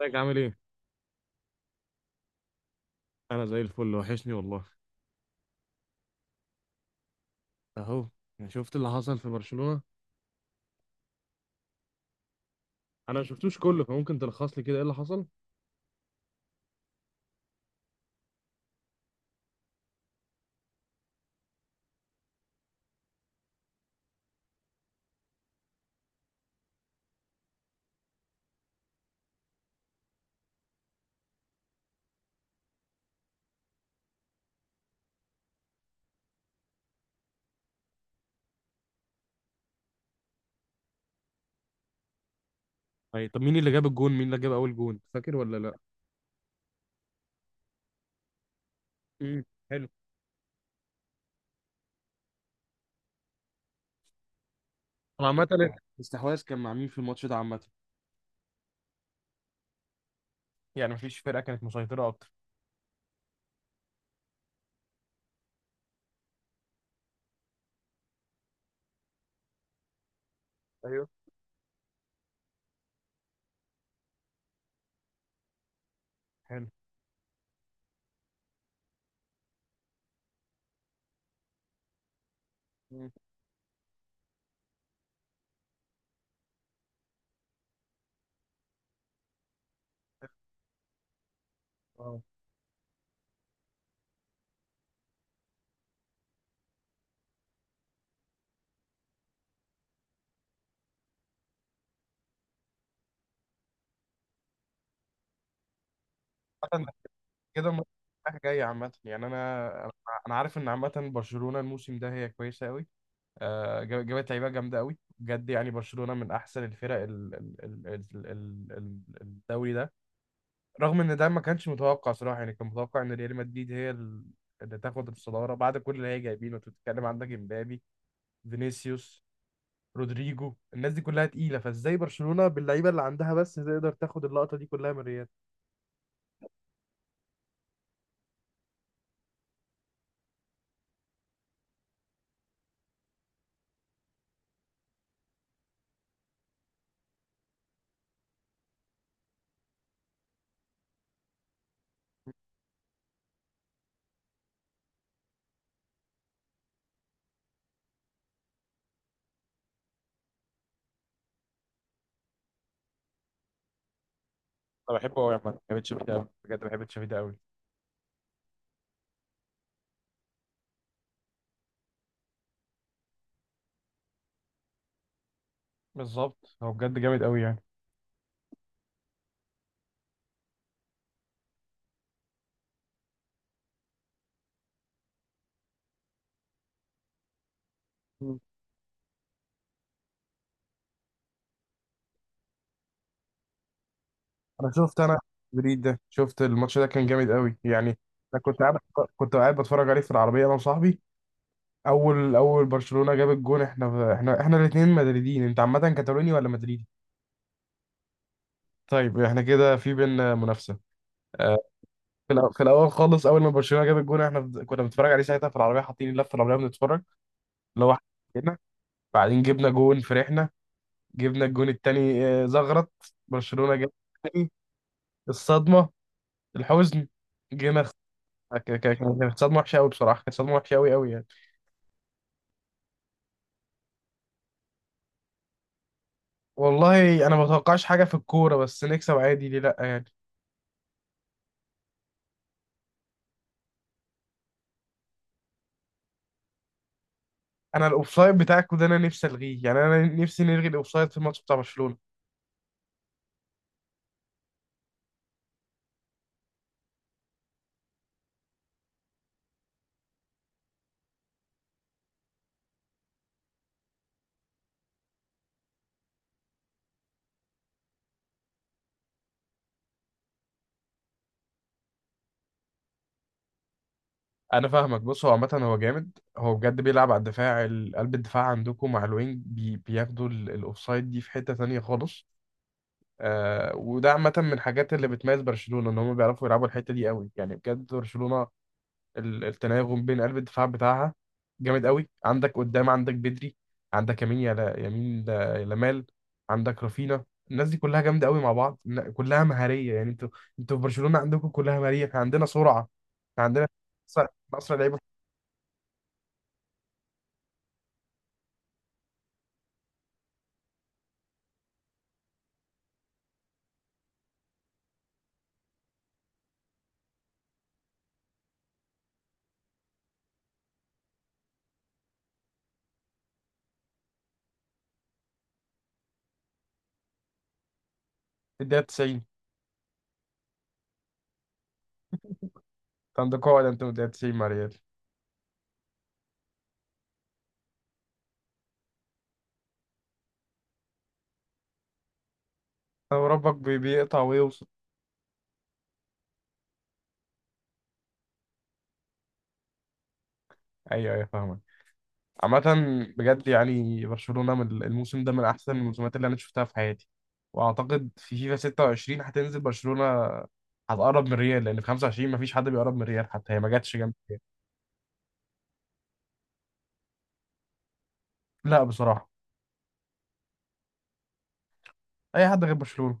ازيك عامل ايه؟ انا زي الفل وحشني والله. اهو. يعني شفت اللي حصل في برشلونة. انا ما شفتوش كله، فممكن تلخص لي كده ايه اللي حصل؟ أي، طب مين اللي جاب الجون؟ مين اللي جاب اول جون؟ فاكر ولا لا؟ امم. حلو. طب عامة الاستحواذ كان مع مين في الماتش ده عامة؟ يعني مفيش فرقة كانت مسيطرة أكتر. ايوه. حلو. امم. اه. عامة ده كده الماتش رايح جاي عامة، يعني أنا عارف إن عامة برشلونة الموسم ده هي كويسة أوي، جابت لعيبه جامده قوي بجد، يعني برشلونه من احسن الفرق الدوري ده، رغم ان ده ما كانش متوقع صراحه. يعني كان متوقع ان ريال مدريد هي اللي تاخد الصداره بعد كل اللي هي جايبينه. انت بتتكلم عندك امبابي، فينيسيوس، رودريجو، الناس دي كلها تقيله، فازاي برشلونه باللعيبه اللي عندها بس تقدر تاخد اللقطه دي كلها من ريال؟ انا بحبه قوي يا عم، بحب تشافي ده قوي، بجد بحب تشافي ده قوي. بالظبط، هو بجد جامد قوي يعني. انا شفت، انا بريد ده شفت الماتش ده، كان جامد قوي يعني. انا كنت قاعد بتفرج عليه في العربيه انا وصاحبي. اول برشلونه جاب الجون، احنا الاثنين مدريدين. انت عامه كاتالوني ولا مدريدي؟ طيب احنا كده في بينا منافسه. آه، في الاول خالص، اول ما برشلونه جاب الجون احنا، كنا بنتفرج عليه ساعتها في العربيه، حاطين اللفه العربيه بنتفرج، اللي هو كده. بعدين جبنا جون، فرحنا، جبنا الجون الثاني، زغرت. برشلونه جاب التاني. الصدمه، الحزن، جينا. كانت صدمة وحشة أوي بصراحة، كانت صدمة وحشة أوي أوي يعني. والله أنا ما بتوقعش حاجة في الكورة، بس نكسب عادي ليه لأ يعني. أنا الأوفسايد بتاعكوا ده أنا نفسي ألغيه، يعني أنا نفسي نلغي الأوفسايد في الماتش بتاع برشلونة. أنا فاهمك، بص هو عامة هو جامد. هو بجد بيلعب على الدفاع، قلب الدفاع عندكم مع الوينج بي بياخدوا الأوفسايد دي في حتة تانية خالص. آه، وده عامة من الحاجات اللي بتميز برشلونة، إن هم بيعرفوا يلعبوا الحتة دي أوي يعني، بجد برشلونة التناغم بين قلب الدفاع بتاعها جامد قوي. عندك قدام عندك بدري، عندك يمين يا يمين لمال، عندك رافينا، الناس دي كلها جامده قوي مع بعض كلها مهاريه يعني. انتوا في برشلونه عندكم كلها مهاريه، احنا عندنا سرعه، احنا عندنا اسرع اسرع لعيبه في الدقيقه 90. انت عندك قاعده، انت في الدقيقه 90 مع ريال. طب ربك بيقطع ويوصل. ايوه ايوه فاهمك. عامة بجد يعني برشلونة من الموسم ده من أحسن الموسمات اللي أنا شفتها في حياتي، وأعتقد في فيفا 26 هتنزل برشلونة، هتقرب من ريال، لأن في 25 مفيش حد بيقرب من ريال حتى، هي ما جاتش جنب. لا بصراحة. أي حد غير برشلونة.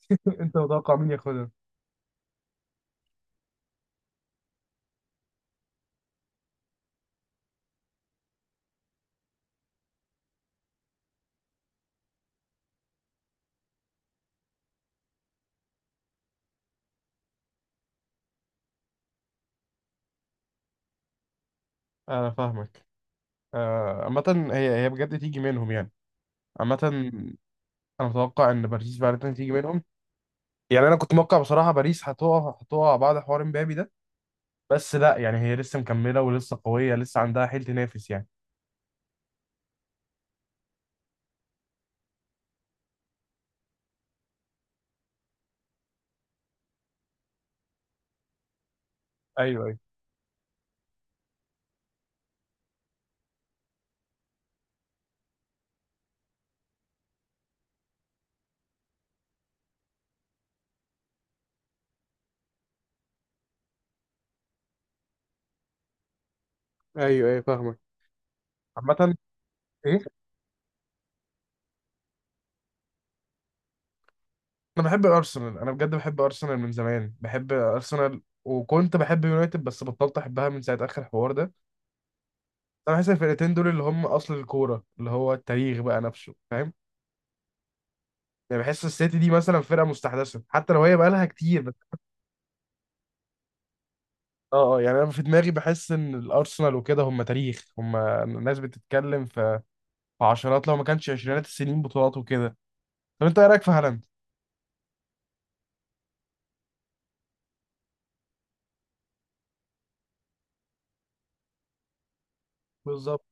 أنت متوقع مين ياخدها؟ أنا فاهمك. آه، عامة، هي بجد تيجي منهم يعني. عامة أنا متوقع إن باريس فعلا تيجي منهم. يعني أنا كنت متوقع بصراحة باريس هتقع بعد حوار مبابي ده، بس لا، يعني هي لسه مكملة ولسه قوية، لسه عندها حيل تنافس يعني. ايوه ايوه ايوه فاهمك. عامة ايه؟ انا بحب ارسنال، انا بجد بحب ارسنال من زمان، بحب ارسنال، وكنت بحب يونايتد بس بطلت احبها من ساعة اخر الحوار ده. انا بحس الفرقتين دول اللي هم اصل الكورة، اللي هو التاريخ بقى نفسه، فاهم؟ يعني بحس السيتي دي مثلا فرقة مستحدثة حتى لو هي بقالها كتير بس. اه اه، يعني انا في دماغي بحس ان الارسنال وكده هم تاريخ، هم ناس بتتكلم في عشرات، لو ما كانش عشرينات السنين، بطولات وكده. طب انت ايه رايك في هالاند؟ بالظبط.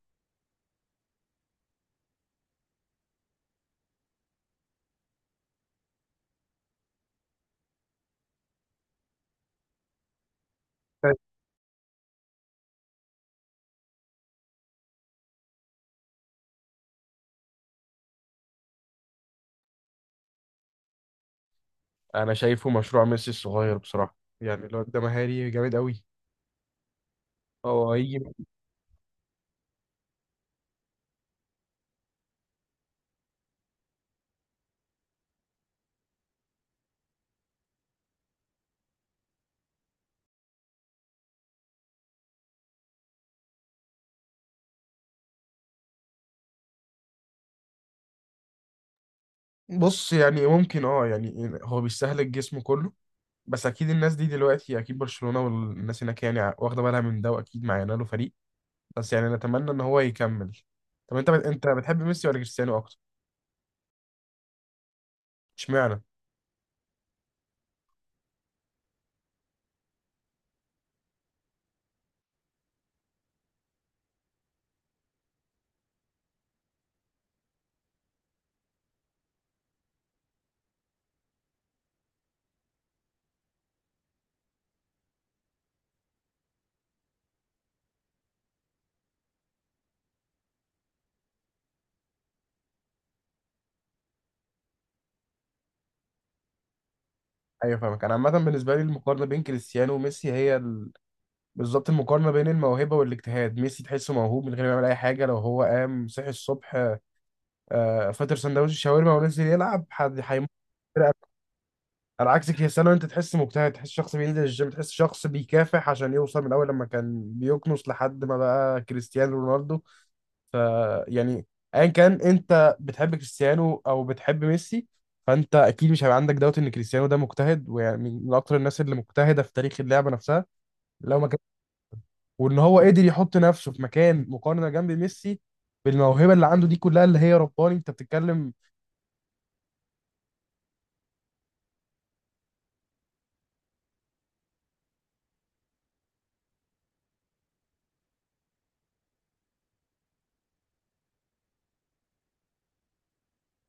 انا شايفه مشروع ميسي الصغير بصراحه، يعني الواد ده مهاري جامد قوي، هو هيجي. بص يعني ممكن، يعني هو بيستهلك جسمه كله، بس اكيد الناس دي دلوقتي، اكيد برشلونه والناس هناك يعني واخده بالها من ده، واكيد معانا له فريق، بس يعني نتمنى ان هو يكمل. طب انت بتحب ميسي ولا كريستيانو اكتر؟ اشمعنى؟ ايوه فاهمك، انا عامه بالنسبه لي المقارنه بين كريستيانو وميسي هي. بالظبط المقارنه بين الموهبه والاجتهاد. ميسي تحسه موهوب من غير ما يعمل اي حاجه، لو هو قام صحي الصبح، فطر سندوتش الشاورما ونزل يلعب حد هيموت. على عكس كريستيانو، انت تحس مجتهد، تحس شخص بينزل الجيم، تحس شخص بيكافح عشان يوصل، من الاول لما كان بيكنس لحد ما بقى كريستيانو رونالدو. ف، يعني، ايا كان انت بتحب كريستيانو او بتحب ميسي، فانت اكيد مش هيبقى عندك دوت ان كريستيانو ده مجتهد، ويعني من اكتر الناس اللي مجتهده في تاريخ اللعبه نفسها، لو ما كان، وان هو قدر يحط نفسه في مكان مقارنه جنب ميسي بالموهبه اللي عنده دي كلها اللي هي رباني، انت بتتكلم.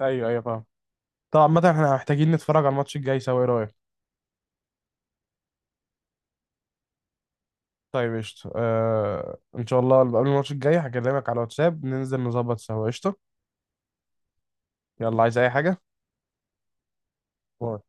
ايوه ايوه فاهم. طبعا عامة احنا محتاجين نتفرج على الماتش الجاي سوا، ايه رأيك؟ طيب قشطة. آه، ان شاء الله قبل الماتش الجاي هكلمك على الواتساب، ننزل نظبط سوا. قشطة. يلا عايز اي حاجة؟ باي.